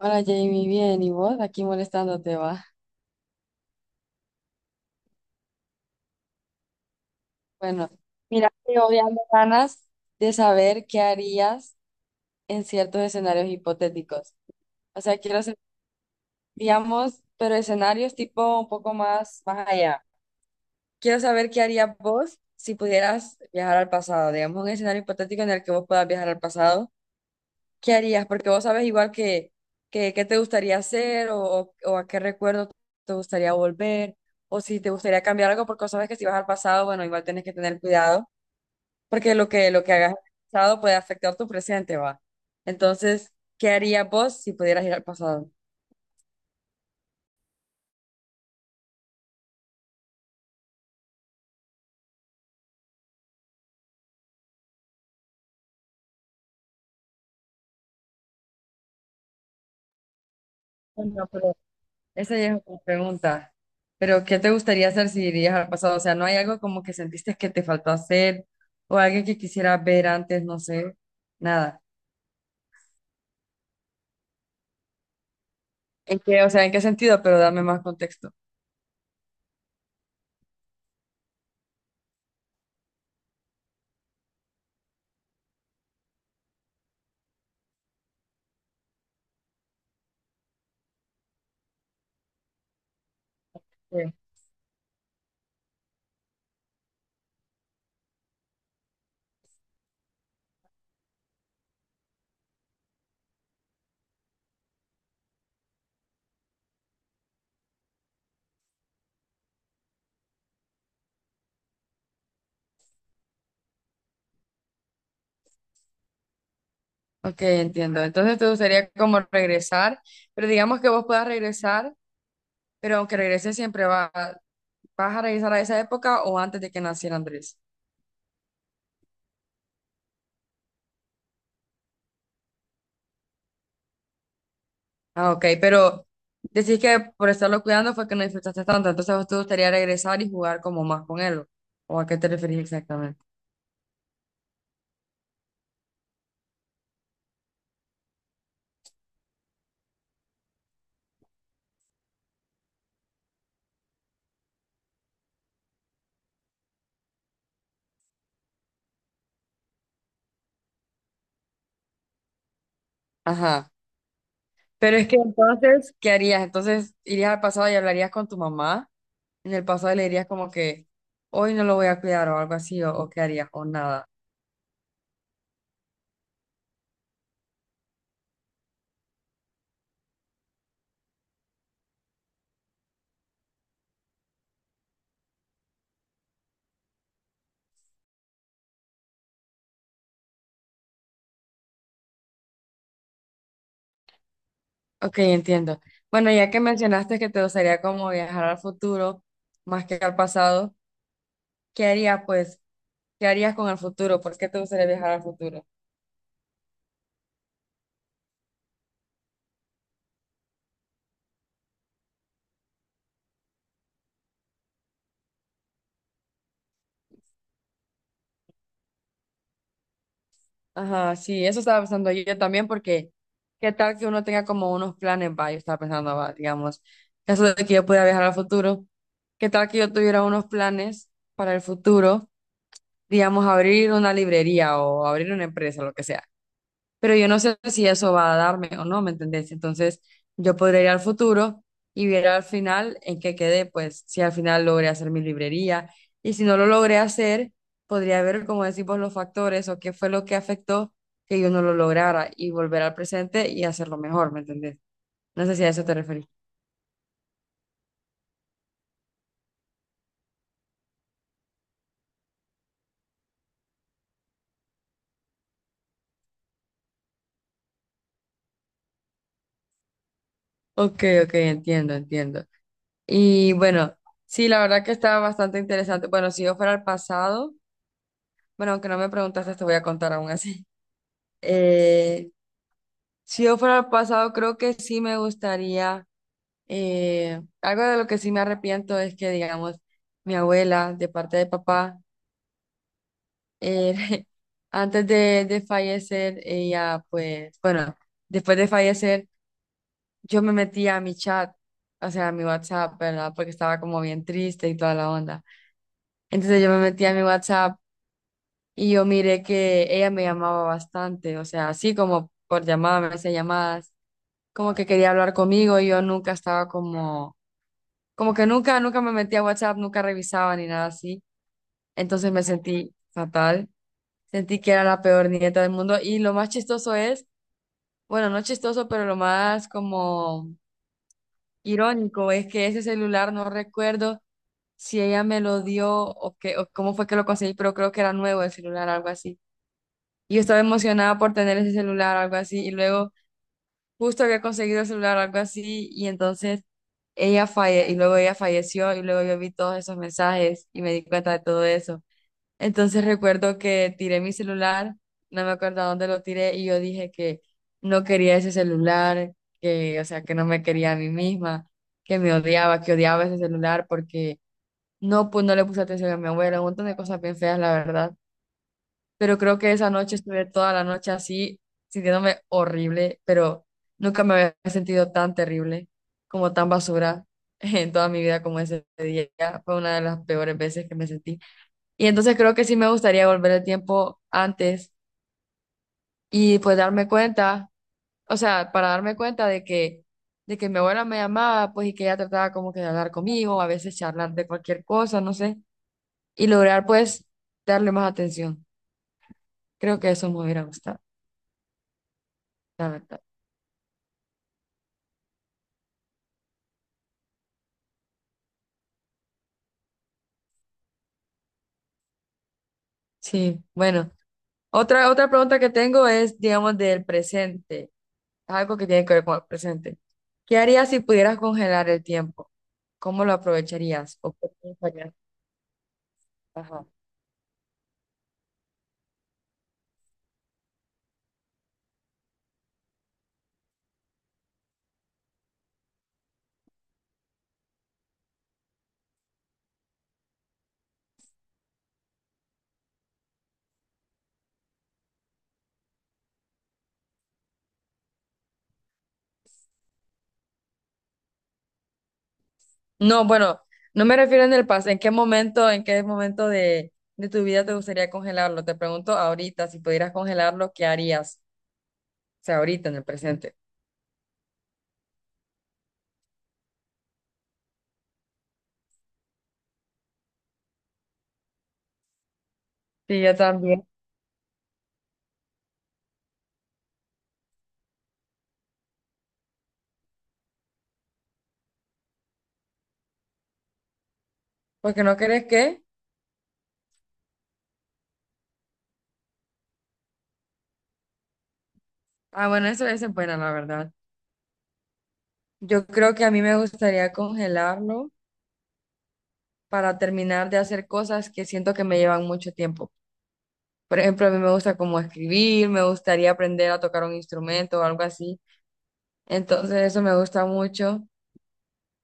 Hola Jamie, bien, ¿y vos? Aquí molestándote va. Bueno, mira, yo ya me ganas de saber qué harías en ciertos escenarios hipotéticos. O sea, quiero hacer, digamos, pero escenarios tipo un poco más allá. Quiero saber qué harías vos si pudieras viajar al pasado, digamos, un escenario hipotético en el que vos puedas viajar al pasado. ¿Qué harías? Porque vos sabes igual que qué te gustaría hacer o a qué recuerdo te gustaría volver, o si te gustaría cambiar algo, porque vos sabes que si vas al pasado, bueno, igual tienes que tener cuidado, porque lo que hagas en el pasado puede afectar tu presente, va. Entonces, ¿qué harías vos si pudieras ir al pasado? Bueno, pero esa ya es otra pregunta. Pero ¿qué te gustaría hacer si irías al pasado? O sea, ¿no hay algo como que sentiste que te faltó hacer o alguien que quisieras ver antes? No sé, nada. ¿En qué, o sea, en qué sentido? Pero dame más contexto. Sí. Ok, entiendo. Entonces te gustaría como regresar, pero digamos que vos puedas regresar, pero aunque regreses siempre vas a regresar a esa época o antes de que naciera Andrés. Ah, ok, pero decís que por estarlo cuidando fue que no disfrutaste tanto, entonces a vos te gustaría regresar y jugar como más con él, ¿o a qué te referís exactamente? Ajá. Pero es que entonces, ¿qué harías? Entonces, ¿irías al pasado y hablarías con tu mamá? En el pasado le dirías como que hoy no lo voy a cuidar o algo así, o qué harías, o nada. Ok, entiendo. Bueno, ya que mencionaste que te gustaría como viajar al futuro más que al pasado, ¿qué harías pues? ¿Qué harías con el futuro? ¿Por qué te gustaría viajar al futuro? Ajá, sí, eso estaba pensando yo también, porque qué tal que uno tenga como unos planes, va. Yo estaba pensando, va, digamos, eso de que yo pudiera viajar al futuro, qué tal que yo tuviera unos planes para el futuro, digamos, abrir una librería o abrir una empresa, lo que sea, pero yo no sé si eso va a darme o no, ¿me entendés? Entonces, yo podría ir al futuro y ver al final en qué quedé, pues si al final logré hacer mi librería, y si no lo logré hacer, podría ver, como decimos, los factores o qué fue lo que afectó que yo no lo lograra, y volver al presente y hacerlo mejor, ¿me entendés? No sé si a eso te referís. Ok, ok, entiendo, entiendo. Y bueno, sí, la verdad que estaba bastante interesante. Bueno, si yo fuera al pasado, bueno, aunque no me preguntaste, te voy a contar aún así. Eh, Si yo fuera al pasado, creo que sí me gustaría, algo de lo que sí me arrepiento es que, digamos, mi abuela, de parte de papá, eh, antes de fallecer, ella, pues, bueno, después de fallecer, yo me metía a mi chat, o sea, a mi WhatsApp, ¿verdad? Porque estaba como bien triste y toda la onda. Entonces yo me metía a mi WhatsApp y yo miré que ella me llamaba bastante, o sea, así como por llamadas, me hacía llamadas, como que quería hablar conmigo y yo nunca estaba como, como que nunca me metía a WhatsApp, nunca revisaba ni nada así. Entonces me sentí fatal, sentí que era la peor nieta del mundo, y lo más chistoso es, bueno, no chistoso, pero lo más como irónico es que ese celular no recuerdo si ella me lo dio o cómo fue que lo conseguí, pero creo que era nuevo el celular, algo así. Y yo estaba emocionada por tener ese celular, algo así, y luego justo había conseguido el celular algo así, y entonces ella falleció y luego yo vi todos esos mensajes y me di cuenta de todo eso. Entonces recuerdo que tiré mi celular, no me acuerdo a dónde lo tiré, y yo dije que no quería ese celular, que o sea, que no me quería a mí misma, que me odiaba, que odiaba ese celular porque no, pues no le puse atención a mi abuela, un montón de cosas bien feas, la verdad, pero creo que esa noche estuve toda la noche así, sintiéndome horrible, pero nunca me había sentido tan terrible, como tan basura en toda mi vida como ese día. Fue una de las peores veces que me sentí. Y entonces creo que sí me gustaría volver el tiempo antes y pues darme cuenta, o sea, para darme cuenta de que mi abuela me llamaba, pues, y que ella trataba como que de hablar conmigo, a veces charlar de cualquier cosa, no sé, y lograr, pues, darle más atención. Creo que eso me hubiera gustado, la verdad. Sí, bueno. Otra pregunta que tengo es, digamos, del presente. Algo que tiene que ver con el presente. ¿Qué harías si pudieras congelar el tiempo? ¿Cómo lo aprovecharías? ¿O qué pensarías? Ajá. No, bueno, no me refiero en el pasado. En qué momento de tu vida te gustaría congelarlo? Te pregunto ahorita, si pudieras congelarlo, ¿qué harías? O sea, ahorita en el presente. Sí, yo también. Porque no crees que... Ah, bueno, eso es buena, la verdad. Yo creo que a mí me gustaría congelarlo, para terminar de hacer cosas que siento que me llevan mucho tiempo. Por ejemplo, a mí me gusta como escribir, me gustaría aprender a tocar un instrumento o algo así. Entonces, eso me gusta mucho.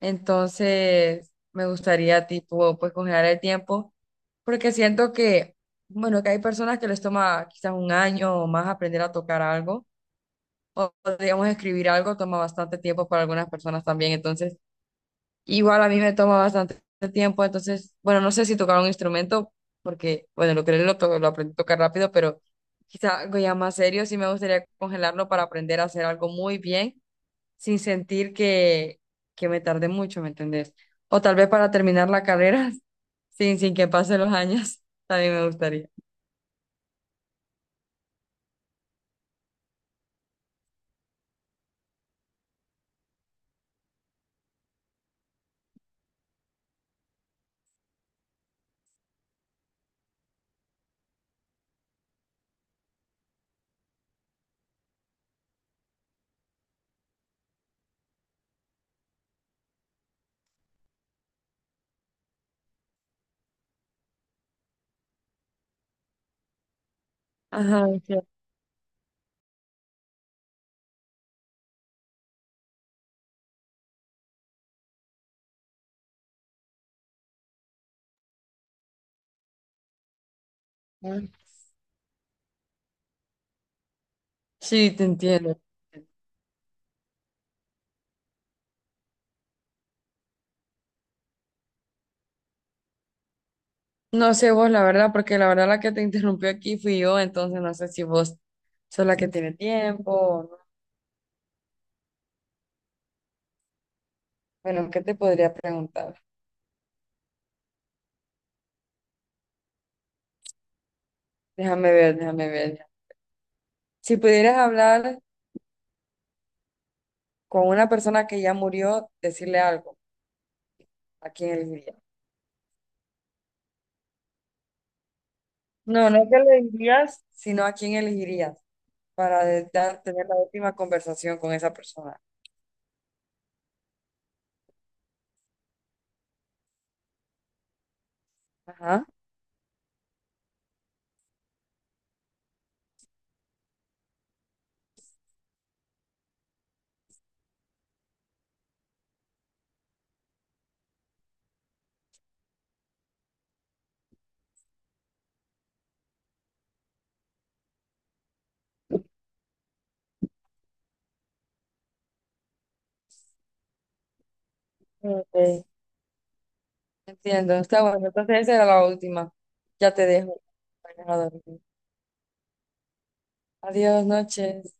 Entonces, me gustaría tipo, pues congelar el tiempo, porque siento que, bueno, que hay personas que les toma quizás un año o más aprender a tocar algo, digamos escribir algo toma bastante tiempo para algunas personas también. Entonces, igual a mí me toma bastante tiempo, entonces, bueno, no sé si tocar un instrumento, porque, bueno, lo que lo, to- lo aprendí a tocar rápido, pero quizá algo ya más serio, sí me gustaría congelarlo para aprender a hacer algo muy bien, sin sentir que me tarde mucho, ¿me entendés? O tal vez para terminar la carrera, sin que pasen los años, también me gustaría. Ajá, entiendo. Sí, te entiendo. No sé vos, la verdad, porque la verdad la que te interrumpió aquí fui yo, entonces no sé si vos sos la que tiene tiempo. Bueno, ¿qué te podría preguntar? Déjame ver, déjame ver. Si pudieras hablar con una persona que ya murió, decirle algo, ¿a quién elegirías? No, no que le dirías, sino a quién elegirías para tener la última conversación con esa persona. Ajá. Ok. Entiendo, está bueno. Entonces esa era la última. Ya te dejo. Vayas a dormir. Adiós, noches.